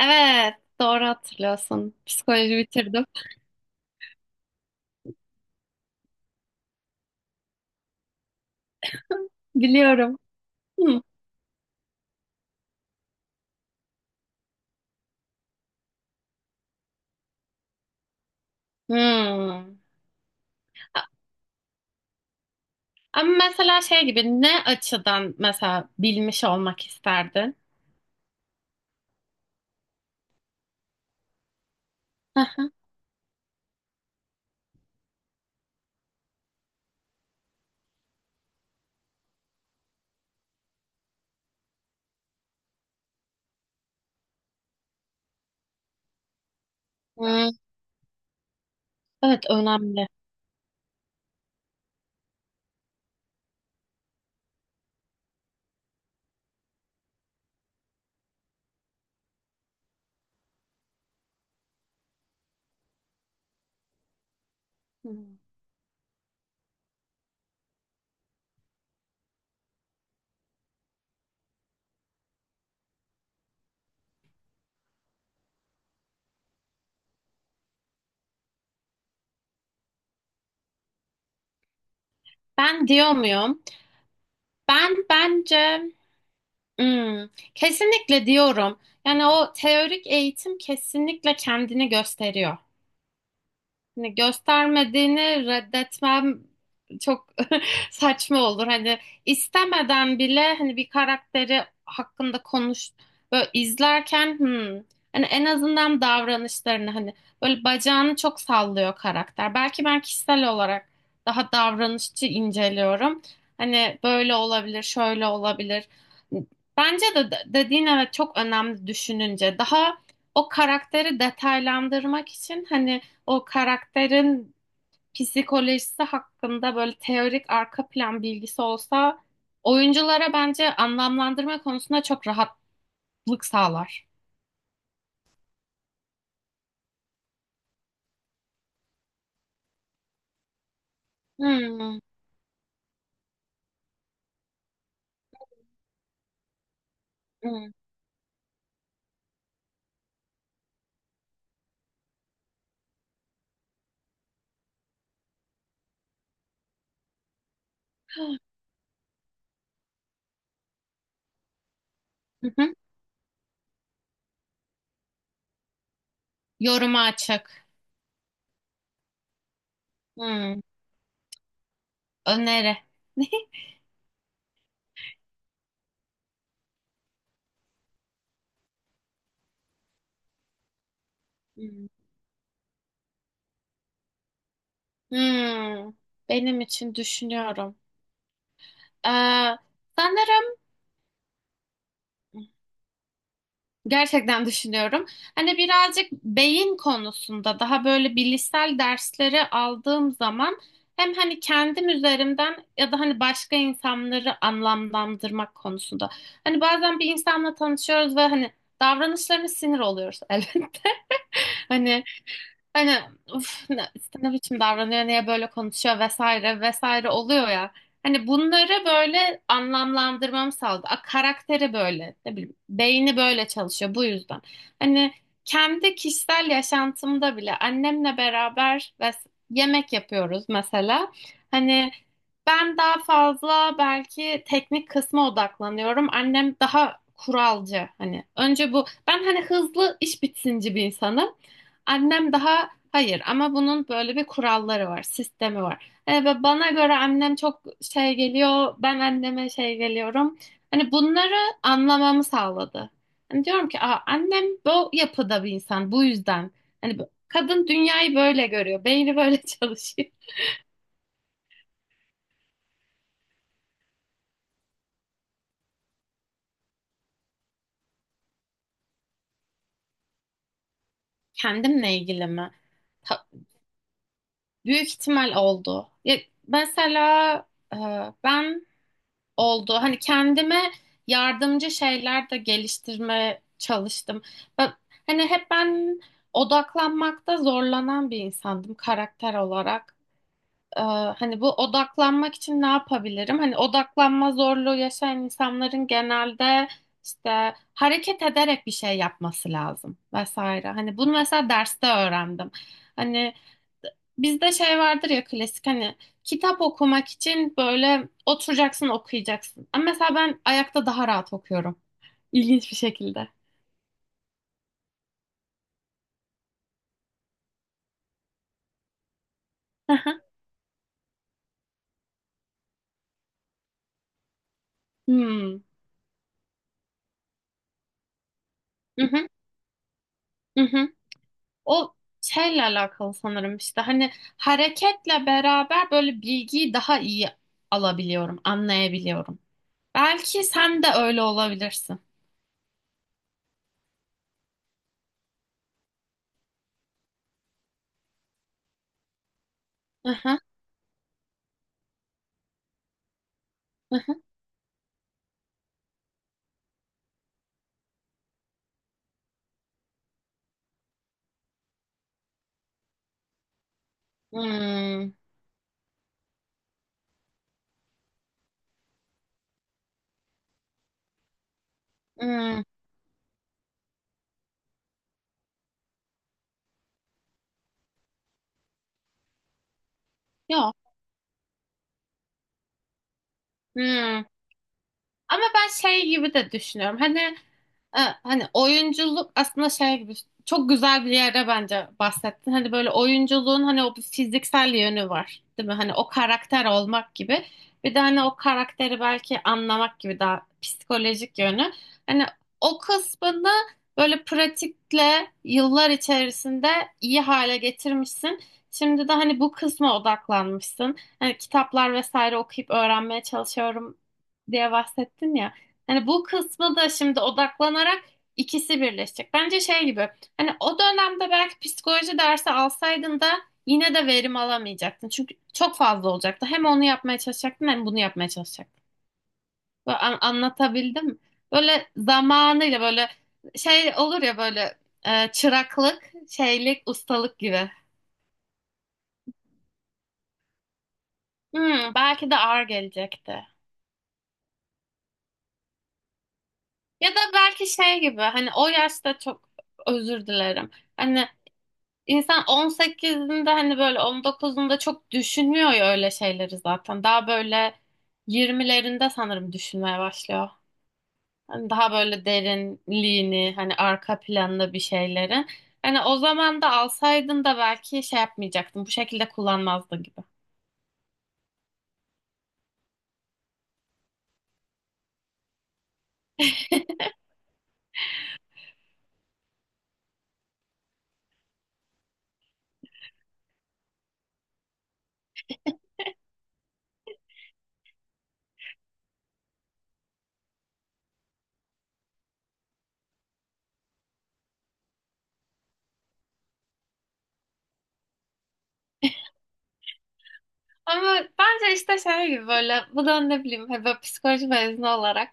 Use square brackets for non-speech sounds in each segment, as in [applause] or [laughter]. Evet, doğru hatırlıyorsun. Psikoloji bitirdim. Biliyorum. Hı. Hmm. A- Ama mesela şey gibi ne açıdan mesela bilmiş olmak isterdin? Hı hı. Hmm. Evet, önemli. Hmm. Ben diyor muyum? Ben bence hmm, kesinlikle diyorum. Yani o teorik eğitim kesinlikle kendini gösteriyor. Hani göstermediğini reddetmem çok [laughs] saçma olur. Hani istemeden bile hani bir karakteri hakkında konuş böyle izlerken hani en azından davranışlarını hani böyle bacağını çok sallıyor karakter. Belki ben kişisel olarak daha davranışçı inceliyorum. Hani böyle olabilir, şöyle olabilir. Bence de dediğin evet çok önemli düşününce. Daha o karakteri detaylandırmak için hani o karakterin psikolojisi hakkında böyle teorik arka plan bilgisi olsa oyunculara bence anlamlandırma konusunda çok rahatlık sağlar. Hmm. Hmm. Hı hı. Yoruma açık. Hmm. Öneri. [laughs] Hmm. Hmm. Benim için düşünüyorum. Ee, sanırım gerçekten düşünüyorum. Hani birazcık beyin konusunda daha böyle bilişsel dersleri aldığım zaman hem hani kendim üzerimden ya da hani başka insanları anlamlandırmak konusunda. Hani bazen bir insanla tanışıyoruz ve hani davranışlarına sinir oluyoruz [laughs] elbette. Hani Hani uf, ne, işte ne biçim davranıyor, niye böyle konuşuyor vesaire vesaire oluyor ya. Hani bunları böyle anlamlandırmam sağladı. A, karakteri böyle, ne bileyim, beyni böyle çalışıyor bu yüzden. Hani kendi kişisel yaşantımda bile annemle beraber yemek yapıyoruz mesela. Hani ben daha fazla belki teknik kısma odaklanıyorum. Annem daha kuralcı hani. Önce bu ben hani hızlı iş bitsinci bir insanım. Annem daha hayır ama bunun böyle bir kuralları var, sistemi var. E, ve bana göre annem çok şey geliyor, ben anneme şey geliyorum. Hani bunları anlamamı sağladı. Hani diyorum ki aa, annem bu yapıda bir insan bu yüzden. Hani kadın dünyayı böyle görüyor, beyni böyle [laughs] çalışıyor. Kendimle ilgili mi? Ta- büyük ihtimal oldu. Ya, mesela e, ben oldu. Hani kendime yardımcı şeyler de geliştirmeye çalıştım. Ben, hani hep ben odaklanmakta zorlanan bir insandım karakter olarak. Ee, hani bu odaklanmak için ne yapabilirim? Hani odaklanma zorluğu yaşayan insanların genelde işte hareket ederek bir şey yapması lazım vesaire. Hani bunu mesela derste öğrendim. Hani bizde şey vardır ya klasik hani kitap okumak için böyle oturacaksın okuyacaksın. Ama mesela ben ayakta daha rahat okuyorum. İlginç bir şekilde. Hı hı. Hmm. Mhm, mhm. O şeyle alakalı sanırım işte hani hareketle beraber böyle bilgiyi daha iyi alabiliyorum, anlayabiliyorum. Belki sen de öyle olabilirsin. Aha, aha. Hmm. Hmm. Yok. Hmm. Ama ben şey gibi de düşünüyorum. Hani e, hani oyunculuk aslında şey gibi çok güzel bir yere bence bahsettin. Hani böyle oyunculuğun hani o bir fiziksel yönü var, değil mi? Hani o karakter olmak gibi. Bir de hani o karakteri belki anlamak gibi daha psikolojik yönü. Hani o kısmını böyle pratikle yıllar içerisinde iyi hale getirmişsin. Şimdi de hani bu kısma odaklanmışsın. Hani kitaplar vesaire okuyup öğrenmeye çalışıyorum diye bahsettin ya. Hani bu kısmı da şimdi odaklanarak ikisi birleşecek. Bence şey gibi hani o dönemde belki psikoloji dersi alsaydın da yine de verim alamayacaktın. Çünkü çok fazla olacaktı. Hem onu yapmaya çalışacaktın hem bunu yapmaya çalışacaktın. Böyle anlatabildim mi? Böyle zamanıyla böyle şey olur ya böyle çıraklık, şeylik, ustalık gibi. Hmm, belki de ağır gelecekti. Ya da belki şey gibi hani o yaşta çok özür dilerim. Hani İnsan 18'inde hani böyle 19'unda çok düşünmüyor ya öyle şeyleri zaten. Daha böyle 20'lerinde sanırım düşünmeye başlıyor. Hani daha böyle derinliğini, hani arka planlı bir şeyleri. Hani o zaman da alsaydın da belki şey yapmayacaktın. Bu şekilde kullanmazdın gibi. Ama bence işte şey gibi böyle bu da ne bileyim hani böyle psikoloji mezunu olarak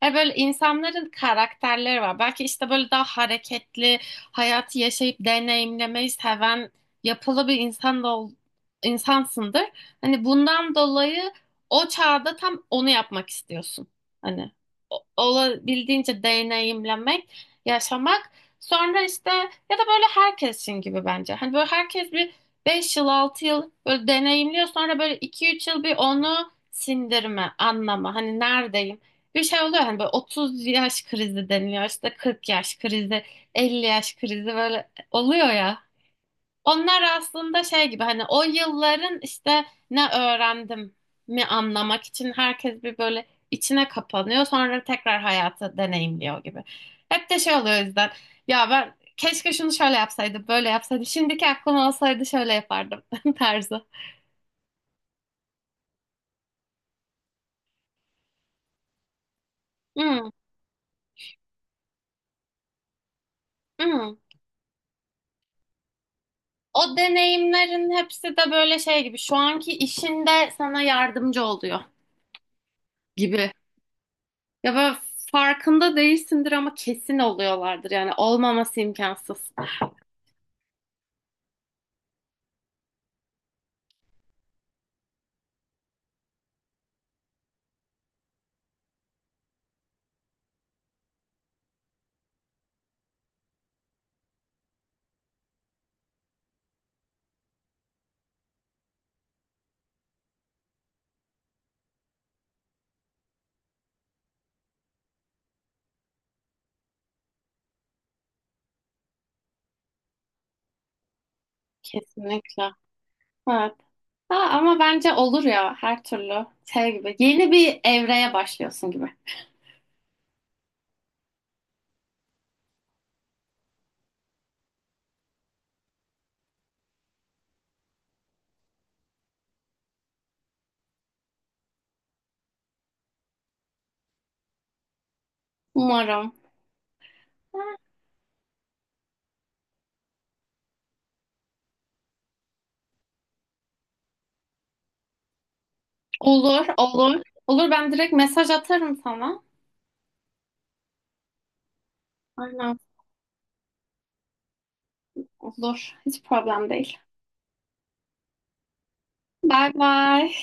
hani böyle insanların karakterleri var. Belki işte böyle daha hareketli hayatı yaşayıp deneyimlemeyi seven yapılı bir insan da insansındır. Hani bundan dolayı o çağda tam onu yapmak istiyorsun. Hani olabildiğince deneyimlemek, yaşamak. Sonra işte ya da böyle herkesin gibi bence. Hani böyle herkes bir beş yıl 6 yıl böyle deneyimliyor sonra böyle iki üç yıl bir onu sindirme anlama hani neredeyim bir şey oluyor hani böyle 30 yaş krizi deniliyor işte 40 yaş krizi 50 yaş krizi böyle oluyor ya onlar aslında şey gibi hani o yılların işte ne öğrendim mi anlamak için herkes bir böyle içine kapanıyor sonra tekrar hayatı deneyimliyor gibi. Hep de şey oluyor o yüzden ya ben keşke şunu şöyle yapsaydım böyle yapsaydım şimdiki aklım olsaydı şöyle yapardım [laughs] tarzı. Hmm. Hmm. O deneyimlerin hepsi de böyle şey gibi şu anki işinde sana yardımcı oluyor gibi. Ya böyle farkında değilsindir ama kesin oluyorlardır yani olmaması imkansız. Kesinlikle. Evet. Ha, ama bence olur ya her türlü şey gibi. Yeni bir evreye başlıyorsun gibi. Umarım. Olur, olur. Olur ben direkt mesaj atarım sana. Aynen. Olur. Hiç problem değil. Bay bay.